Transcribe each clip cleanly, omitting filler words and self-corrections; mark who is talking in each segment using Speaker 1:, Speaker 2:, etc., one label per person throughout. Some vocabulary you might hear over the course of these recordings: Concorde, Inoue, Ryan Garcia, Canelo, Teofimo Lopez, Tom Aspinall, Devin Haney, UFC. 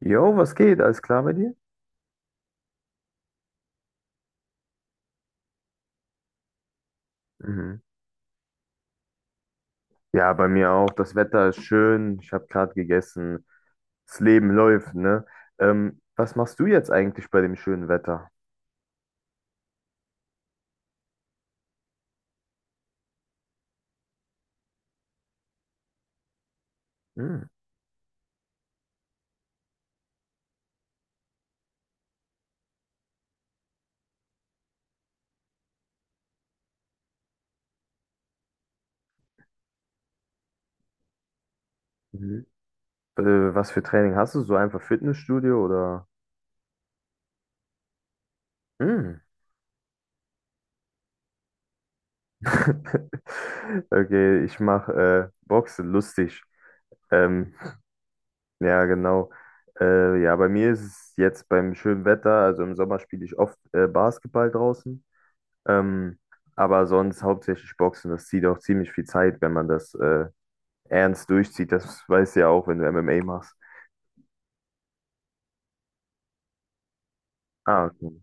Speaker 1: Jo, was geht? Alles klar bei dir? Mhm. Ja, bei mir auch. Das Wetter ist schön. Ich habe gerade gegessen. Das Leben läuft, ne? Was machst du jetzt eigentlich bei dem schönen Wetter? Mhm. Mhm. Äh, Was für Training hast du? So einfach Fitnessstudio oder? Mhm. Okay, ich mache Boxen, lustig. Ähm, ja, genau. Ja, bei mir ist es jetzt beim schönen Wetter, also im Sommer spiele ich oft Basketball draußen. Ähm, aber sonst hauptsächlich Boxen, das zieht auch ziemlich viel Zeit, wenn man das ernst durchzieht. Das weißt du ja auch, wenn du MMA machst. Ah, okay.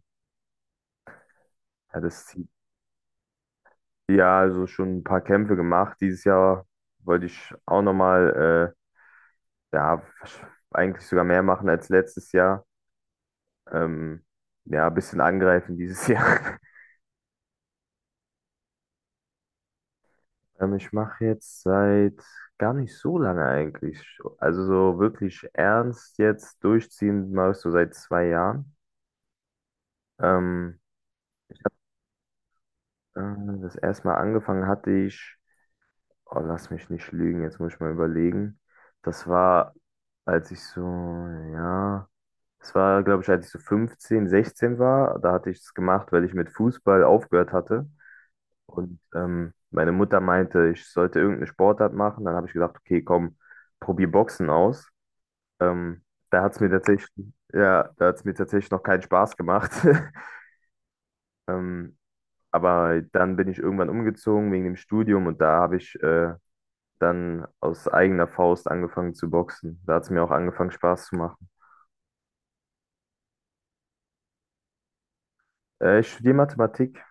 Speaker 1: Ja, das zieht. Ja, also schon ein paar Kämpfe gemacht. Dieses Jahr wollte ich auch nochmal, ja, eigentlich sogar mehr machen als letztes Jahr. Ähm, ja, ein bisschen angreifen dieses Jahr. Ich mache jetzt seit gar nicht so lange eigentlich. Also so wirklich ernst jetzt durchziehen, machst du seit zwei Jahren. Ähm, Äh, Das erste Mal angefangen hatte ich, oh, lass mich nicht lügen, jetzt muss ich mal überlegen. Das war, als ich so, ja, das war, glaube ich, als ich so 15, 16 war. Da hatte ich es gemacht, weil ich mit Fußball aufgehört hatte. Und meine Mutter meinte, ich sollte irgendeine Sportart machen. Dann habe ich gedacht, okay, komm, probier Boxen aus. Ähm, Da hat es mir tatsächlich, ja, da hat es mir tatsächlich noch keinen Spaß gemacht. Ähm, Aber dann bin ich irgendwann umgezogen wegen dem Studium und da habe ich dann aus eigener Faust angefangen zu boxen. Da hat es mir auch angefangen, Spaß zu machen. Ich studiere Mathematik.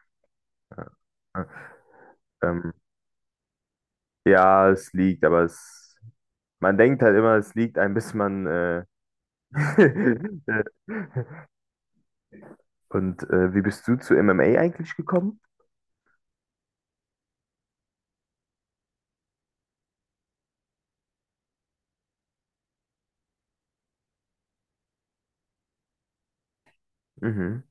Speaker 1: Ähm, ja, es liegt, aber es, man denkt halt immer, es liegt ein, bis man. Und wie bist du zu MMA eigentlich gekommen? Mhm.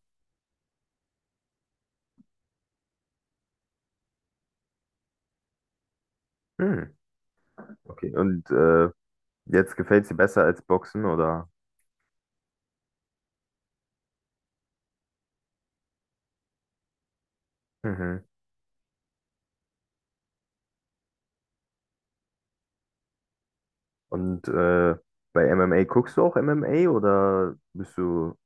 Speaker 1: Mhm. Okay. Und jetzt gefällt es dir besser als Boxen, oder? Mhm. Und bei MMA guckst du auch MMA oder bist du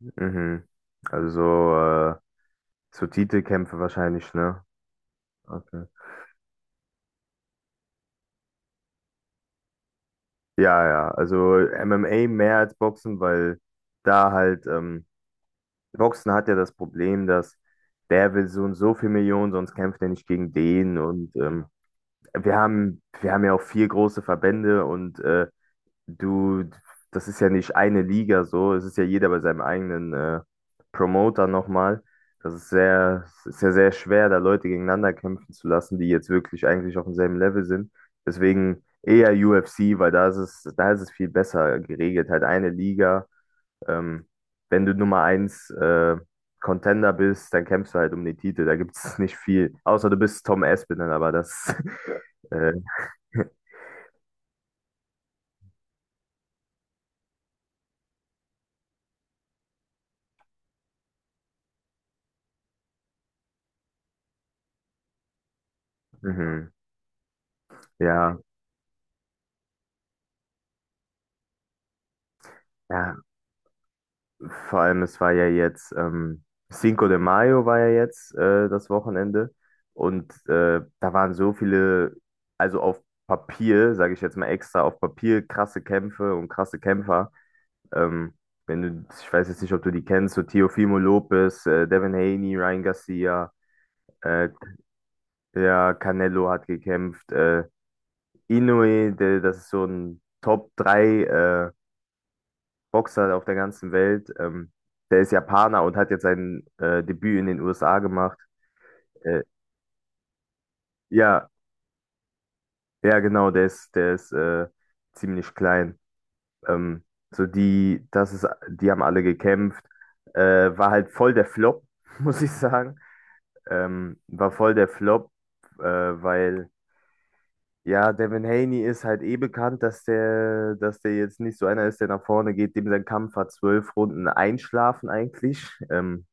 Speaker 1: Mhm. Also so, äh, so Titelkämpfe wahrscheinlich, ne? Okay. Ja, ja. Also MMA mehr als Boxen, weil da halt, Boxen hat ja das Problem, dass der will so und so viel Millionen, sonst kämpft er nicht gegen den. Und wir haben ja auch vier große Verbände und Du, das ist ja nicht eine Liga so, es ist ja jeder bei seinem eigenen Promoter nochmal. Das ist sehr, es ist ja sehr schwer, da Leute gegeneinander kämpfen zu lassen, die jetzt wirklich eigentlich auf demselben Level sind. Deswegen eher UFC, weil da ist es viel besser geregelt. Halt eine Liga. Ähm, Wenn du Nummer eins Contender bist, dann kämpfst du halt um den Titel. Da gibt es nicht viel. Außer du bist Tom Aspinall, aber das. Äh, mhm. Ja, ja, vor allem, es war ja jetzt, Cinco de Mayo war ja jetzt das Wochenende und da waren so viele, also auf Papier, sage ich jetzt mal extra, auf Papier krasse Kämpfe und krasse Kämpfer. Ähm, Wenn du, ich weiß jetzt nicht, ob du die kennst, so Teofimo Lopez, Devin Haney, Ryan Garcia, äh, ja, Canelo hat gekämpft, Inoue, der, das ist so ein Top 3 Boxer auf der ganzen Welt. Der ist Japaner und hat jetzt sein Debüt in den USA gemacht. Äh, ja, ja, genau, der ist ziemlich klein. Ähm, so die, das ist, die haben alle gekämpft. War halt voll der Flop, muss ich sagen. War voll der Flop, weil ja, Devin Haney ist halt eh bekannt, dass der jetzt nicht so einer ist, der nach vorne geht, dem sein Kampf hat 12 Runden einschlafen eigentlich.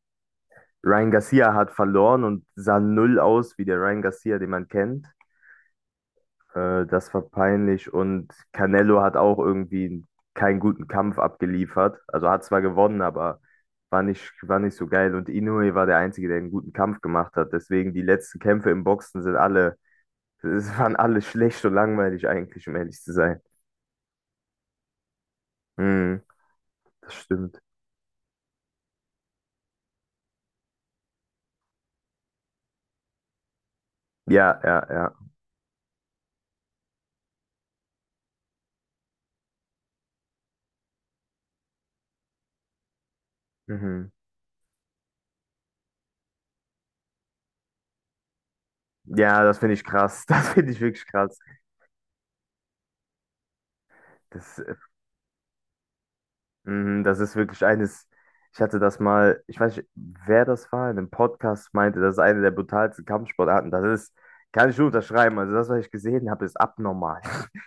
Speaker 1: Ryan Garcia hat verloren und sah null aus wie der Ryan Garcia, den man kennt. Das war peinlich und Canelo hat auch irgendwie keinen guten Kampf abgeliefert. Also hat zwar gewonnen, aber war nicht so geil. Und Inoue war der Einzige, der einen guten Kampf gemacht hat. Deswegen die letzten Kämpfe im Boxen sind alle, es waren alle schlecht und langweilig eigentlich, um ehrlich zu sein. Hm, das stimmt. Ja, ja, ja. Mhm. Ja, das finde ich krass. Das finde ich wirklich krass. Das mhm, das ist wirklich eines. Ich hatte das mal, ich weiß nicht, wer das war, in einem Podcast meinte, das ist eine der brutalsten Kampfsportarten. Das ist, kann ich nur unterschreiben. Also das, was ich gesehen habe, ist abnormal.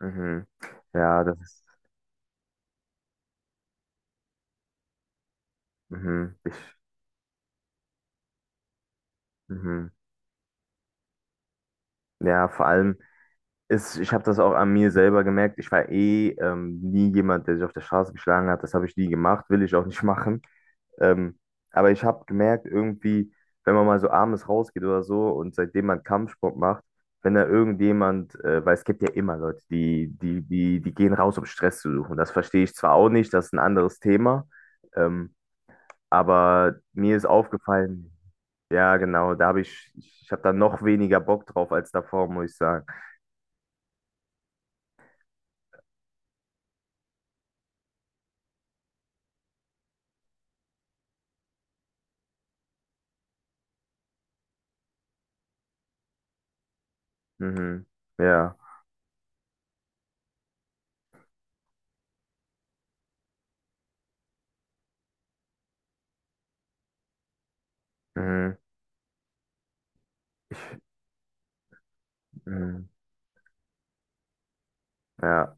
Speaker 1: Mhm. Ja, das ist. Mhm. Ich, mhm. Ja, vor allem ist, ich habe das auch an mir selber gemerkt. Ich war eh nie jemand, der sich auf der Straße geschlagen hat. Das habe ich nie gemacht, will ich auch nicht machen. Ähm, aber ich habe gemerkt, irgendwie, wenn man mal so abends rausgeht oder so und seitdem man Kampfsport macht, wenn da irgendjemand, weil es gibt ja immer Leute, die gehen raus, um Stress zu suchen. Das verstehe ich zwar auch nicht, das ist ein anderes Thema, ähm, aber mir ist aufgefallen, ja, genau, da habe ich, ich habe da noch weniger Bock drauf als davor, muss ich sagen. Mhm. Ja. Mhm. Mhm. Ja.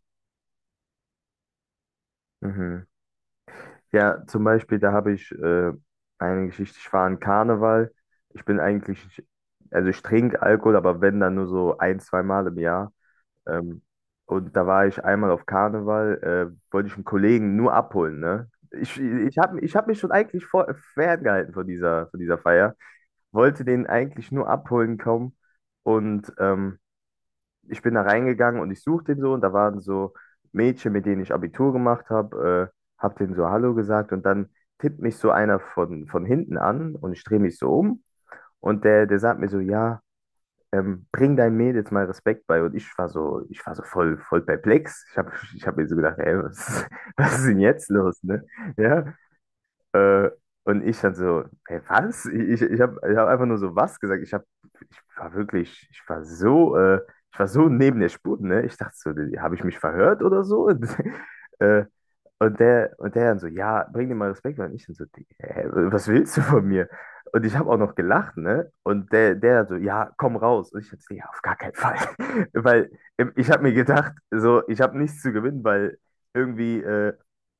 Speaker 1: Mhm. Ja, zum Beispiel, da habe ich eine Geschichte, ich war an Karneval. Ich bin eigentlich, also ich trinke Alkohol, aber wenn, dann nur so ein, zwei Mal im Jahr. Ähm, und da war ich einmal auf Karneval, wollte ich einen Kollegen nur abholen, ne? Ich habe ich hab mich schon eigentlich vor, ferngehalten von dieser Feier, wollte den eigentlich nur abholen kommen und ich bin da reingegangen und ich suchte den so und da waren so Mädchen, mit denen ich Abitur gemacht habe, habe denen so Hallo gesagt und dann tippt mich so einer von hinten an und ich drehe mich so um und der, der sagt mir so, ja, bring deinen Mädels mal Respekt bei und ich war so voll, voll perplex. Ich habe ich hab mir so gedacht, ey, was, was ist denn jetzt los, ne? Ja, äh, und ich dann so, hey, was? Ich habe ich hab einfach nur so was gesagt. Ich hab, ich war wirklich, ich war so neben der Spur, ne? Ich dachte so, habe ich mich verhört oder so? äh, und der, und der dann so, ja, bring dir mal Respekt. Und ich dann so, hä, was willst du von mir? Und ich habe auch noch gelacht, ne? Und der, der dann so, ja, komm raus. Und ich dann so, ja, auf gar keinen Fall. Weil ich habe mir gedacht, so, ich habe nichts zu gewinnen, weil irgendwie.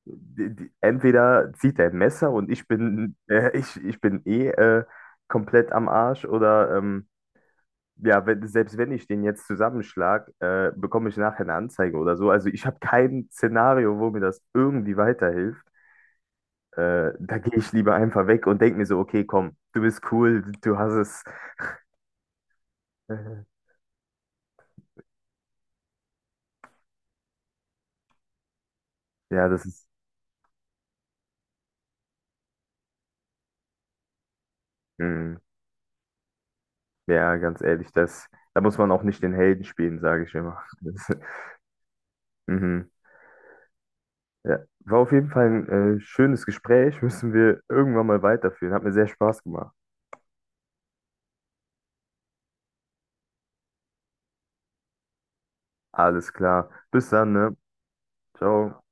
Speaker 1: Die, die, entweder zieht er ein Messer und ich bin, ich bin eh komplett am Arsch oder ja, wenn, selbst wenn ich den jetzt zusammenschlag, bekomme ich nachher eine Anzeige oder so. Also ich habe kein Szenario, wo mir das irgendwie weiterhilft. Da gehe ich lieber einfach weg und denke mir so, okay, komm, du bist cool, du hast es. Äh, ja, das ist, mh, ja, ganz ehrlich, das, da muss man auch nicht den Helden spielen, sage ich immer. Das, mhm. Ja, war auf jeden Fall ein schönes Gespräch. Müssen wir irgendwann mal weiterführen. Hat mir sehr Spaß gemacht. Alles klar. Bis dann, ne? Ciao.